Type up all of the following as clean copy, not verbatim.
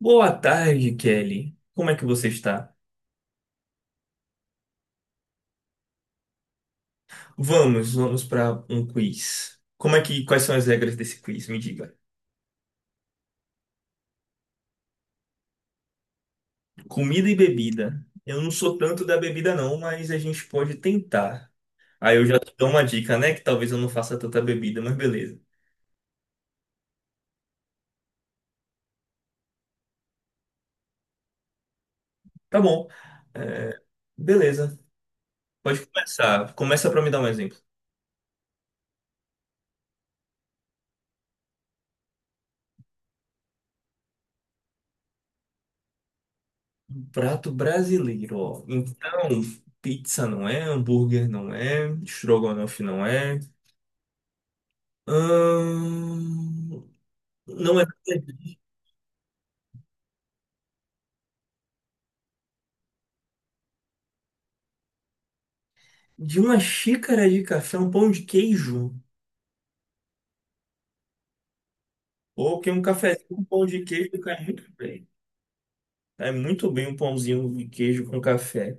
Boa tarde, Kelly. Como é que você está? Vamos, vamos para um quiz. Quais são as regras desse quiz? Me diga. Comida e bebida. Eu não sou tanto da bebida não, mas a gente pode tentar. Aí eu já te dou uma dica, né? Que talvez eu não faça tanta bebida, mas beleza. Tá bom. É, beleza. Pode começar. Começa para me dar um exemplo. Prato brasileiro, ó. Então, pizza não é, hambúrguer não é, estrogonofe não é. Ahn, Não é de uma xícara de café, um pão de queijo. Ou que um cafezinho com pão de queijo cai muito bem. Cai muito bem um pãozinho de queijo com café.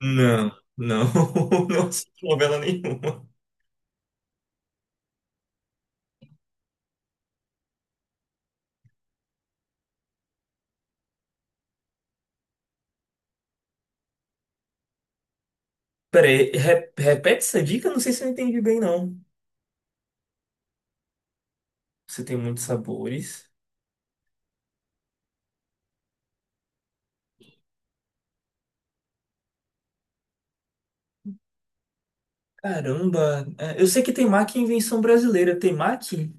Não, não, não assisti novela nenhuma. Peraí, repete essa dica? Não sei se eu entendi bem, não. Você tem muitos sabores. Caramba, é, eu sei que temaki é invenção brasileira. Temaki?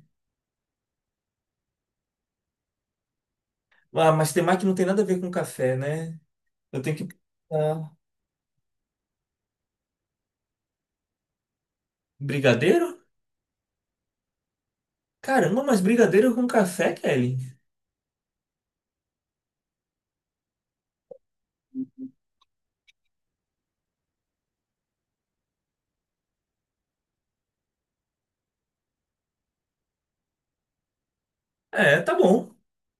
Ah, mas temaki não tem nada a ver com café, né? Eu tenho que... Ah, brigadeiro? Caramba, mas brigadeiro com café, Kelly? É, tá bom.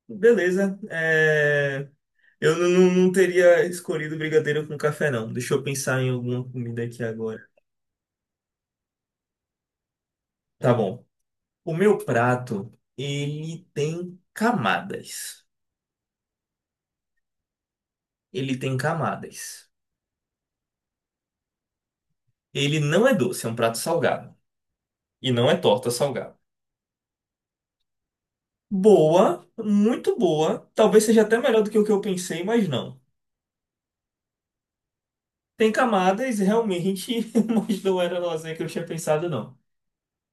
Beleza. É, eu não, não teria escolhido brigadeiro com café, não. Deixa eu pensar em alguma comida aqui agora. Tá bom. O meu prato, ele tem camadas. Ele tem camadas. Ele não é doce, é um prato salgado. E não é torta salgada. Boa, muito boa. Talvez seja até melhor do que o que eu pensei, mas não. Tem camadas, realmente, mas não era a lasanha que eu tinha pensado, não.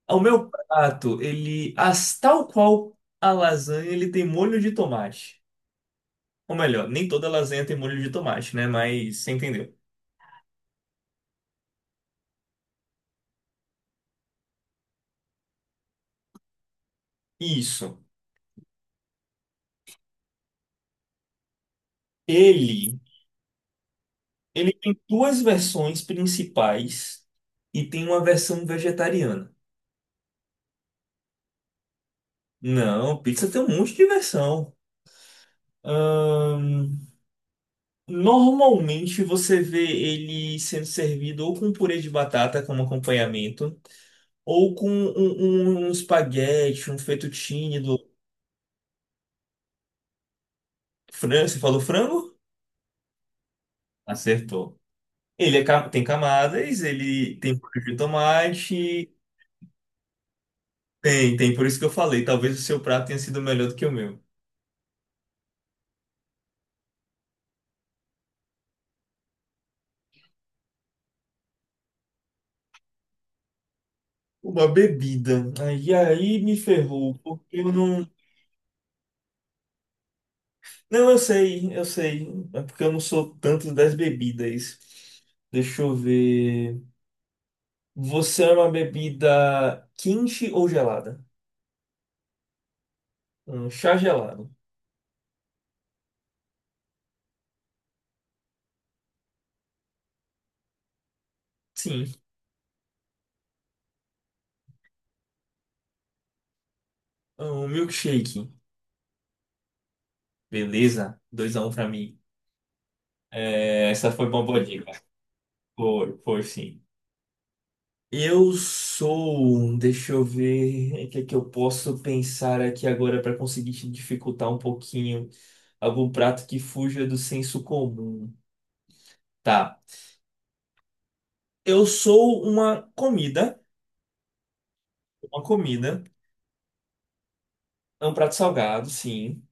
O meu prato, tal qual a lasanha, ele tem molho de tomate. Ou melhor, nem toda lasanha tem molho de tomate, né? Mas você entendeu. Isso. Ele, ele tem duas versões principais e tem uma versão vegetariana. Não, pizza tem um monte de versão. Ahn, normalmente você vê ele sendo servido ou com purê de batata como acompanhamento, ou com um espaguete, um fettuccine do Você falou frango? Acertou. Ele é tem camadas, ele tem molho de tomate. Tem, tem, por isso que eu falei. Talvez o seu prato tenha sido melhor do que o meu. Uma bebida. Aí me ferrou, porque eu não. Não, eu sei, eu sei. É porque eu não sou tanto das bebidas. Deixa eu ver. Você é uma bebida quente ou gelada? Um chá gelado. Sim. Um milkshake. Beleza. 2 a 1 pra mim. É, essa foi uma boa dica. Foi, foi sim. Eu sou, deixa eu ver o que é que eu posso pensar aqui agora para conseguir te dificultar um pouquinho algum prato que fuja do senso comum. Tá. Eu sou uma comida, uma comida, é um prato salgado, sim.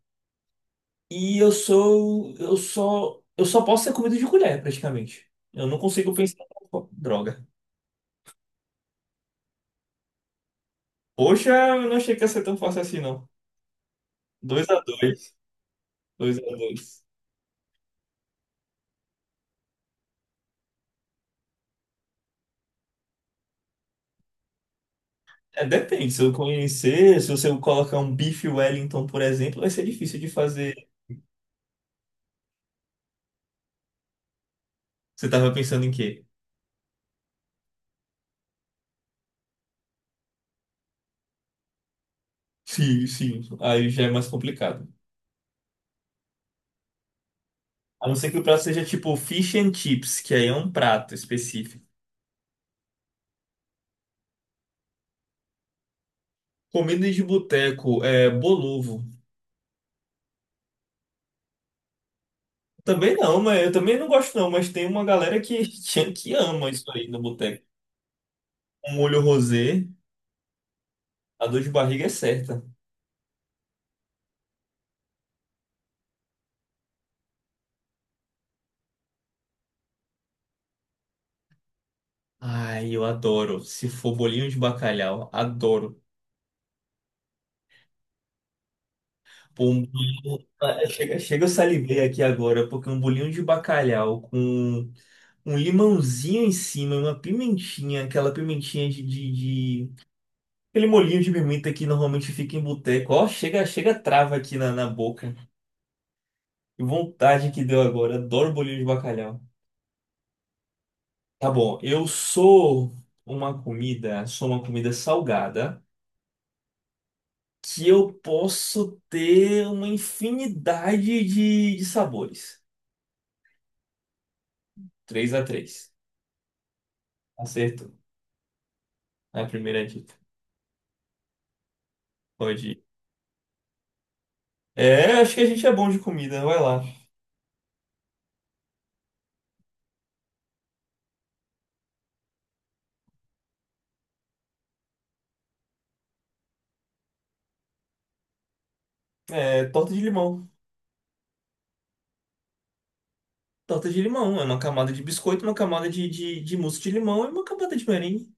E eu só posso ser comida de colher, praticamente. Eu não consigo pensar, droga. Poxa, eu não achei que ia ser tão fácil assim, não. 2 a 2 2 a 2 É, depende, se eu conhecer, se você colocar um bife Wellington, por exemplo, vai ser difícil de fazer. Você tava pensando em quê? Sim, sim, aí já é mais complicado. A não ser que o prato seja tipo fish and chips, que aí é um prato específico. Comida de boteco, é bolovo. Também não, mas eu também não gosto não, mas tem uma galera que, que ama isso aí no boteco. Um molho rosé, a dor de barriga é certa. Ai, eu adoro. Se for bolinho de bacalhau, adoro. Chega, chega, eu salivei aqui agora, porque um bolinho de bacalhau com um limãozinho em cima, uma pimentinha, aquela pimentinha de- aquele molhinho de pimenta que normalmente fica em boteco. Ó, chega, chega, trava aqui na boca. Que vontade que deu agora. Adoro bolinho de bacalhau. Tá bom, eu sou uma comida salgada, que eu posso ter uma infinidade de sabores. 3 a 3, acertou. A primeira dica. Pode ir. É, acho que a gente é bom de comida, vai lá. É, torta de limão. Torta de limão, é uma camada de biscoito, uma camada de mousse de limão e uma camada de merengue.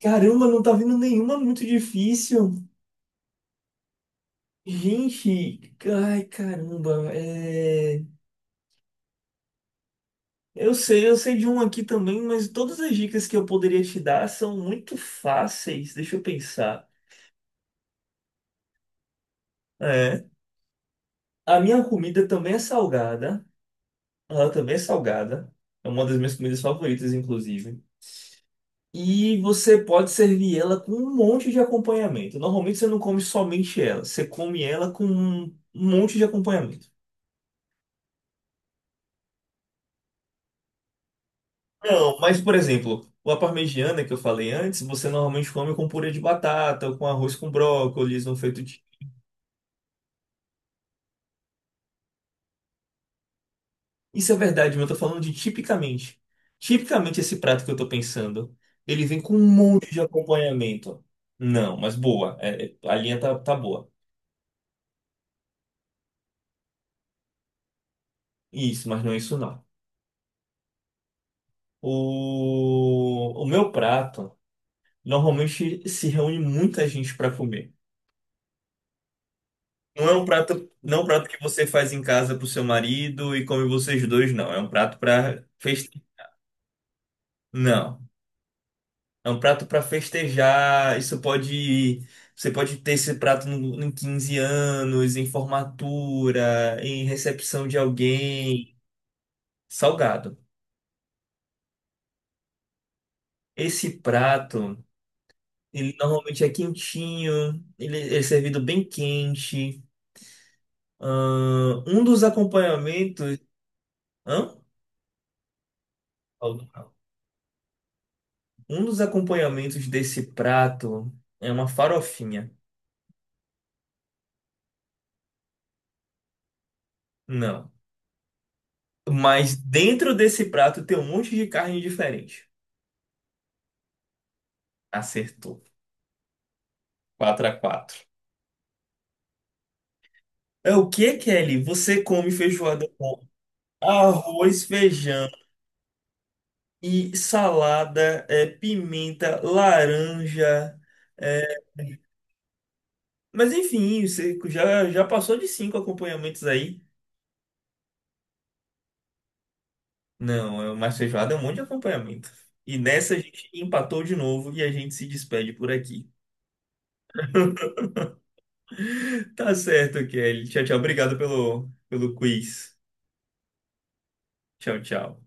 Caramba, não tá vindo nenhuma muito difícil. Gente, ai caramba, é... eu sei de um aqui também, mas todas as dicas que eu poderia te dar são muito fáceis. Deixa eu pensar. É, a minha comida também é salgada. Ela também é salgada. É uma das minhas comidas favoritas, inclusive. E você pode servir ela com um monte de acompanhamento. Normalmente você não come somente ela, você come ela com um monte de acompanhamento. Não, mas por exemplo, a parmegiana que eu falei antes, você normalmente come com purê de batata, ou com arroz com brócolis, um feito de... Isso é verdade, mas eu tô falando de tipicamente. Tipicamente esse prato que eu tô pensando, ele vem com um monte de acompanhamento. Não, mas boa, a linha tá boa. Isso, mas não é isso não. O meu prato. Normalmente se reúne muita gente para comer. Não é um prato que você faz em casa pro seu marido e come vocês dois, não. É um prato para festejar. Não. É um prato para festejar. Isso pode. Você pode ter esse prato em 15 anos, em formatura, em recepção de alguém. Salgado. Esse prato, ele normalmente é quentinho, ele é servido bem quente. Um dos acompanhamentos. Hã? Um dos acompanhamentos desse prato é uma farofinha. Não. Mas dentro desse prato tem um monte de carne diferente. Acertou. 4 a 4. É o que, Kelly? Você come feijoada, arroz, feijão e salada, é, pimenta, laranja. É, mas enfim, você já passou de 5 acompanhamentos aí. Não, mas feijoada é um monte de acompanhamento. E nessa a gente empatou de novo e a gente se despede por aqui. Tá certo, Kelly. Tchau, tchau. Obrigado pelo quiz. Tchau, tchau.